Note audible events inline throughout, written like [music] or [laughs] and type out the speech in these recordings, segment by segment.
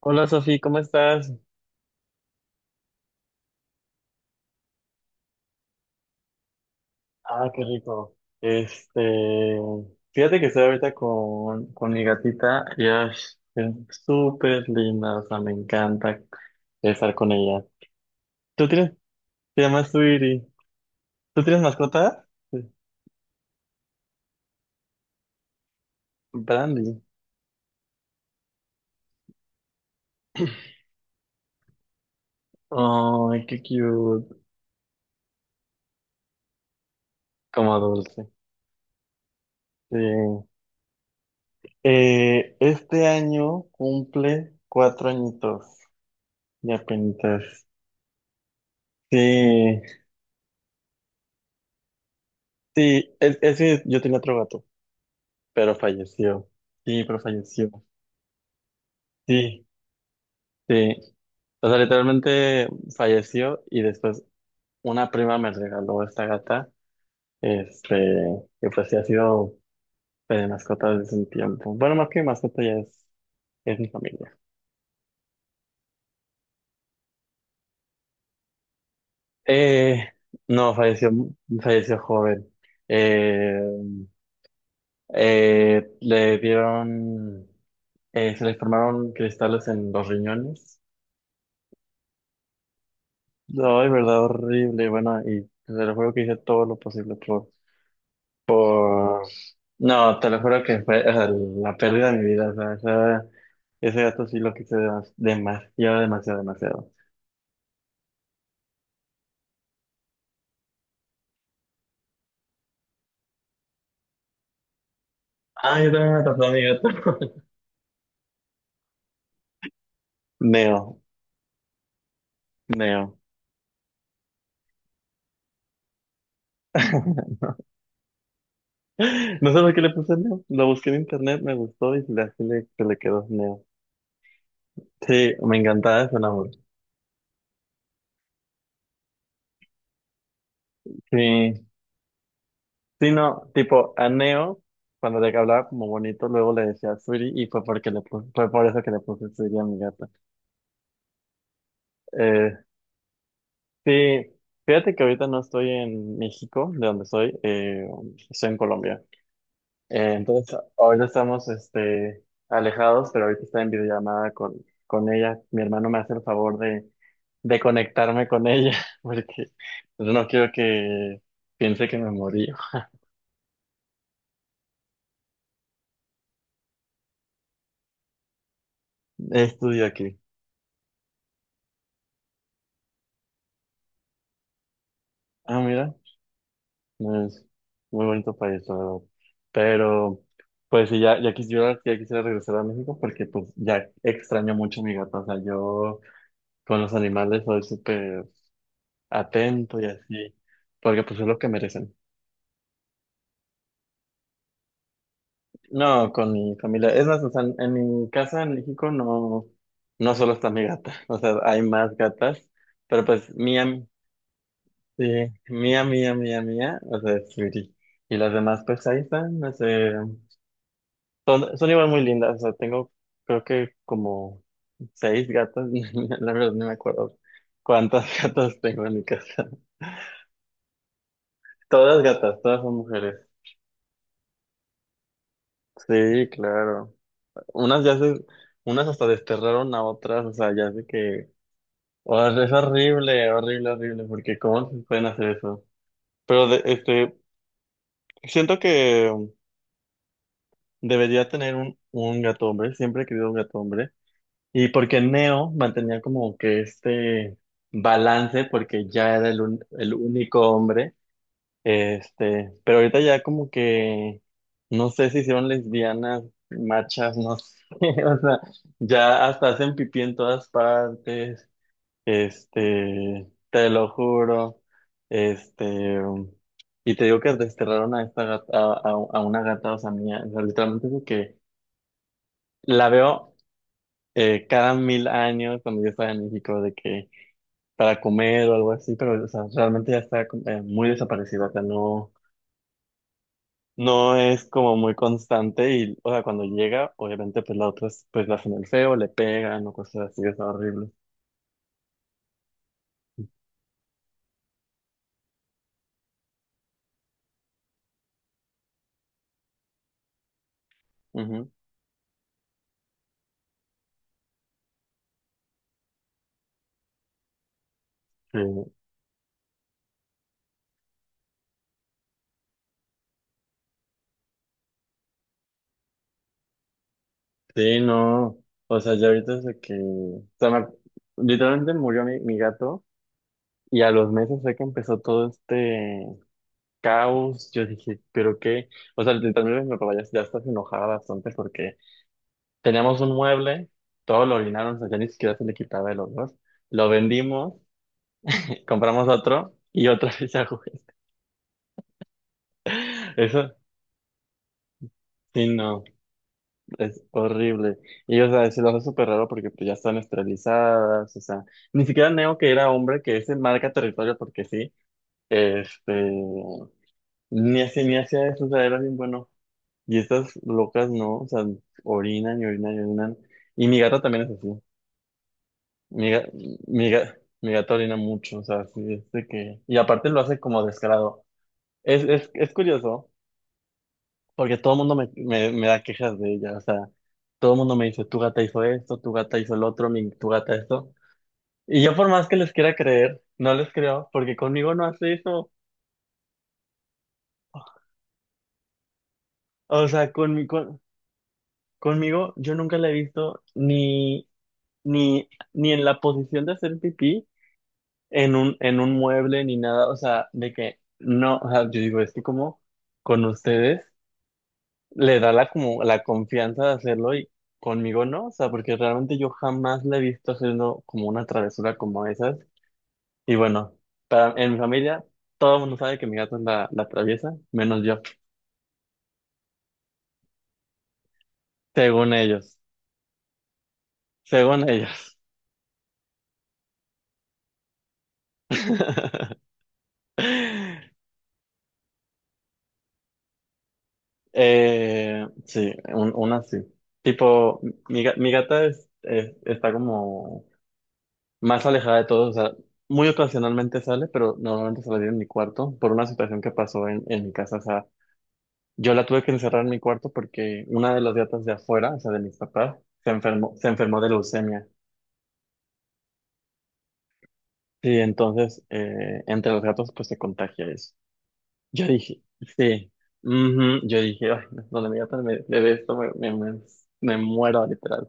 Hola Sofi, ¿cómo estás? Ah, qué rico. Fíjate que estoy ahorita con mi gatita y es súper linda, o sea, me encanta estar con ella. ¿Tú tienes, te llamas Sweetie? ¿Tú tienes mascota? Sí. Brandy. Ay, qué cute. Como dulce. Sí. Este año cumple 4 añitos. Ya penitas. Sí, sí, es que yo tenía otro gato. Pero falleció. Sí, pero falleció. Sí, sí. O sea, literalmente falleció y después una prima me regaló esta gata, este, que pues sí ha sido de mascota desde un tiempo. Bueno, más que mascota ya es mi familia. Eh, no, falleció, falleció joven. Eh, eh, le dieron, se le formaron cristales en los riñones. No, de verdad horrible, bueno, y te lo juro que hice todo lo posible por- No, te lo juro que fue, o sea, la pérdida de mi vida, o sea, ese gato sí lo quise demasiado, demasiado, demasiado. Ay, yo también me atrapó a mi gato. [laughs] Neo, Neo. [laughs] No sé por qué le puse Neo, lo busqué en internet, me gustó y así se le quedó Neo. Sí, me encantaba ese nombre. Sí, sí, no, tipo, a Neo, cuando le hablaba como bonito, luego le decía Suri y fue porque fue por eso que le puse Suri a mi gata. Eh, sí, fíjate que ahorita no estoy en México, de donde soy. Estoy en Colombia. Entonces, ahorita estamos alejados, pero ahorita está en videollamada con ella. Mi hermano me hace el favor de conectarme con ella, [laughs] porque pues no quiero que piense que me morí. Estudio aquí. Ah, mira. Es muy bonito país, la verdad. Pero pues sí, ya quisiera regresar a México porque pues ya extraño mucho a mi gato. O sea, yo con los animales soy súper atento y así, porque pues es lo que merecen. No, con mi familia. Es más, o sea, en mi casa en México no, no solo está mi gata. [laughs] O sea, hay más gatas, pero pues mía, sí, mía, mía, mía, mía, o sea, es Sweetie. Y las demás pues ahí están, no sé. Son igual muy lindas, o sea, tengo creo que como 6 gatas, [laughs] la verdad no me acuerdo cuántas [laughs] gatas tengo en mi casa. Todas gatas, todas son mujeres. Sí, claro. Unas ya se, Unas hasta desterraron a otras, o sea, ya sé que, o sea, es horrible, horrible, horrible, porque ¿cómo se pueden hacer eso? Pero siento que debería tener un gato hombre, siempre he querido un gato hombre. Y porque Neo mantenía como que este balance, porque ya era el único hombre. Pero ahorita ya como que, no sé si hicieron lesbianas, machas, no sé, [laughs] o sea, ya hasta hacen pipí en todas partes. Te lo juro. este, y te digo que desterraron a esta gata, a una gata, o sea, mía, o sea, literalmente es de que la veo cada 1.000 años cuando yo estaba en México, de que para comer o algo así, pero o sea, realmente ya está muy desaparecido, o sea, no, no es como muy constante y, o sea, cuando llega, obviamente pues la otra es, pues la hacen el feo, le pegan o cosas así, es horrible. Ujú. Eh, Sí, no, o sea, ya ahorita es de que, o sea, literalmente murió mi gato y a los meses fue que empezó todo este caos. Yo dije, pero qué, o sea, literalmente mi papá ya está enojada bastante porque teníamos un mueble, todo lo orinaron, o sea, ya ni siquiera se le quitaba el olor. Lo vendimos, [laughs] compramos otro y otra [laughs] vez a jugar. Eso, sí, no, es horrible. Y, o sea, se lo hace súper raro porque pues ya están esterilizadas, o sea, ni siquiera Neo, que era hombre, que ese marca territorio porque sí, este, ni así, ni hacía eso, o sea, era bien bueno. Y estas locas no, o sea, orinan y orinan y orinan. Y mi gata también es así. Mi, ga- mi gato orina mucho, o sea, sí, es de que. Y aparte lo hace como descarado. Es curioso, porque todo el mundo me da quejas de ella, o sea, todo el mundo me dice, tu gata hizo esto, tu gata hizo el otro, tu gata esto. Y yo por más que les quiera creer, no les creo, porque conmigo no hace eso. O sea, conmigo yo nunca la he visto ni, ni, ni en la posición de hacer pipí, en un mueble ni nada, o sea, de que no, o sea, yo digo, es que como con ustedes le da la como la confianza de hacerlo y conmigo no, o sea, porque realmente yo jamás la he visto haciendo como una travesura como esas. Y bueno, en mi familia todo el mundo sabe que mi gato es la traviesa, menos yo, según ellos, según ellos. [laughs] Sí, una sí. Tipo, mi gata está como más alejada de todos, o sea, muy ocasionalmente sale, pero normalmente sale en mi cuarto por una situación que pasó en mi casa, o sea, yo la tuve que encerrar en mi cuarto porque una de las gatas de afuera, o sea, de mis papás, se enfermó de leucemia. Sí, entonces, entre los gatos pues se contagia eso. Yo dije, sí, ujú, yo dije, ay, no, donde mi gata me ve esto, me muero, literal.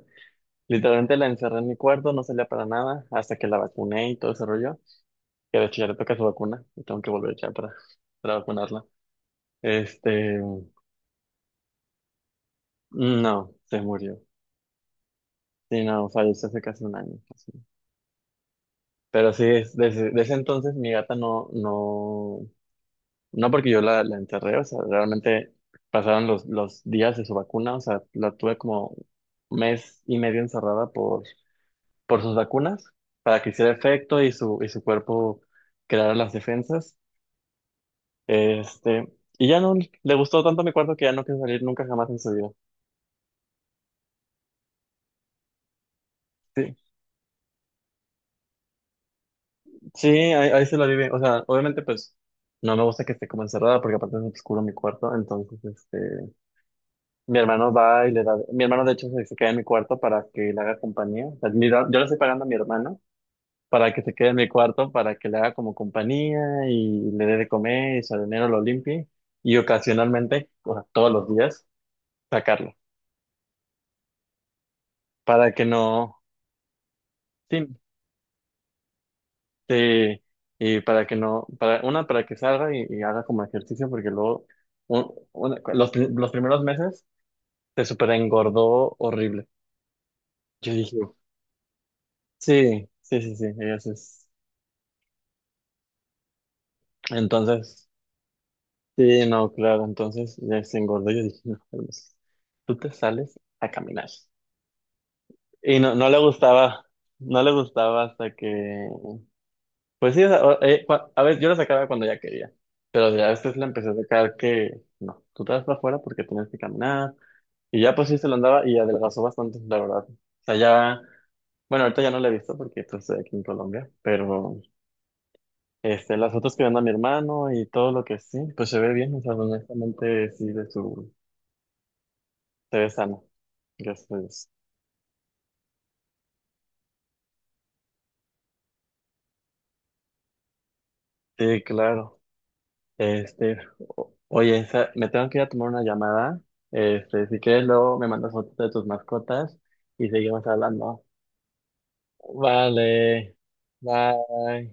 Literalmente la encerré en mi cuarto, no salía para nada, hasta que la vacuné y todo ese rollo, que de hecho ya le toca su vacuna, y tengo que volver ya para vacunarla. Este, no, se murió. Sí, no, falleció hace casi un año, casi. Pero sí, desde ese entonces mi gata no, no, no, porque yo la enterré, o sea, realmente pasaron los días de su vacuna, o sea, la tuve como mes y medio encerrada por sus vacunas, para que hiciera efecto y y su cuerpo creara las defensas. Este, y ya no le gustó tanto mi cuarto que ya no quiso salir nunca jamás en su vida. Sí, sí, ahí se la vive. O sea, obviamente pues no me gusta que esté como encerrada porque aparte es oscuro mi cuarto. Entonces, mi hermano va y le da, mi hermano de hecho se queda en mi cuarto para que le haga compañía. O sea, yo le estoy pagando a mi hermano para que se quede en mi cuarto, para que le haga como compañía y le dé de comer y su dinero lo limpie. Y ocasionalmente, o sea, todos los días, sacarlo para que no, sí, sí, y para que no, para, una, para que salga y haga como ejercicio, porque luego, los primeros meses se super engordó horrible. Yo dije, sí, sí, sí, sí, ella sí Entonces, sí, no, claro, entonces ya se engordó. Yo dije, no, Hermes, tú te sales a caminar. Y no, no le gustaba hasta que pues sí, o sea, a ver, yo la sacaba cuando ya quería, pero ya después la empecé a sacar que no, tú te vas para afuera porque tienes que caminar, y ya pues sí se lo andaba y adelgazó bastante, la verdad. O sea, ya, bueno, ahorita ya no la he visto porque pues estoy aquí en Colombia, pero las fotos que manda mi hermano y todo lo que sí, pues se ve bien, o sea, honestamente sí, se ve sano, gracias a Dios. Sí, claro. Este, oye, me tengo que ir a tomar una llamada. Si quieres, luego me mandas fotos de tus mascotas y seguimos hablando. Vale, bye.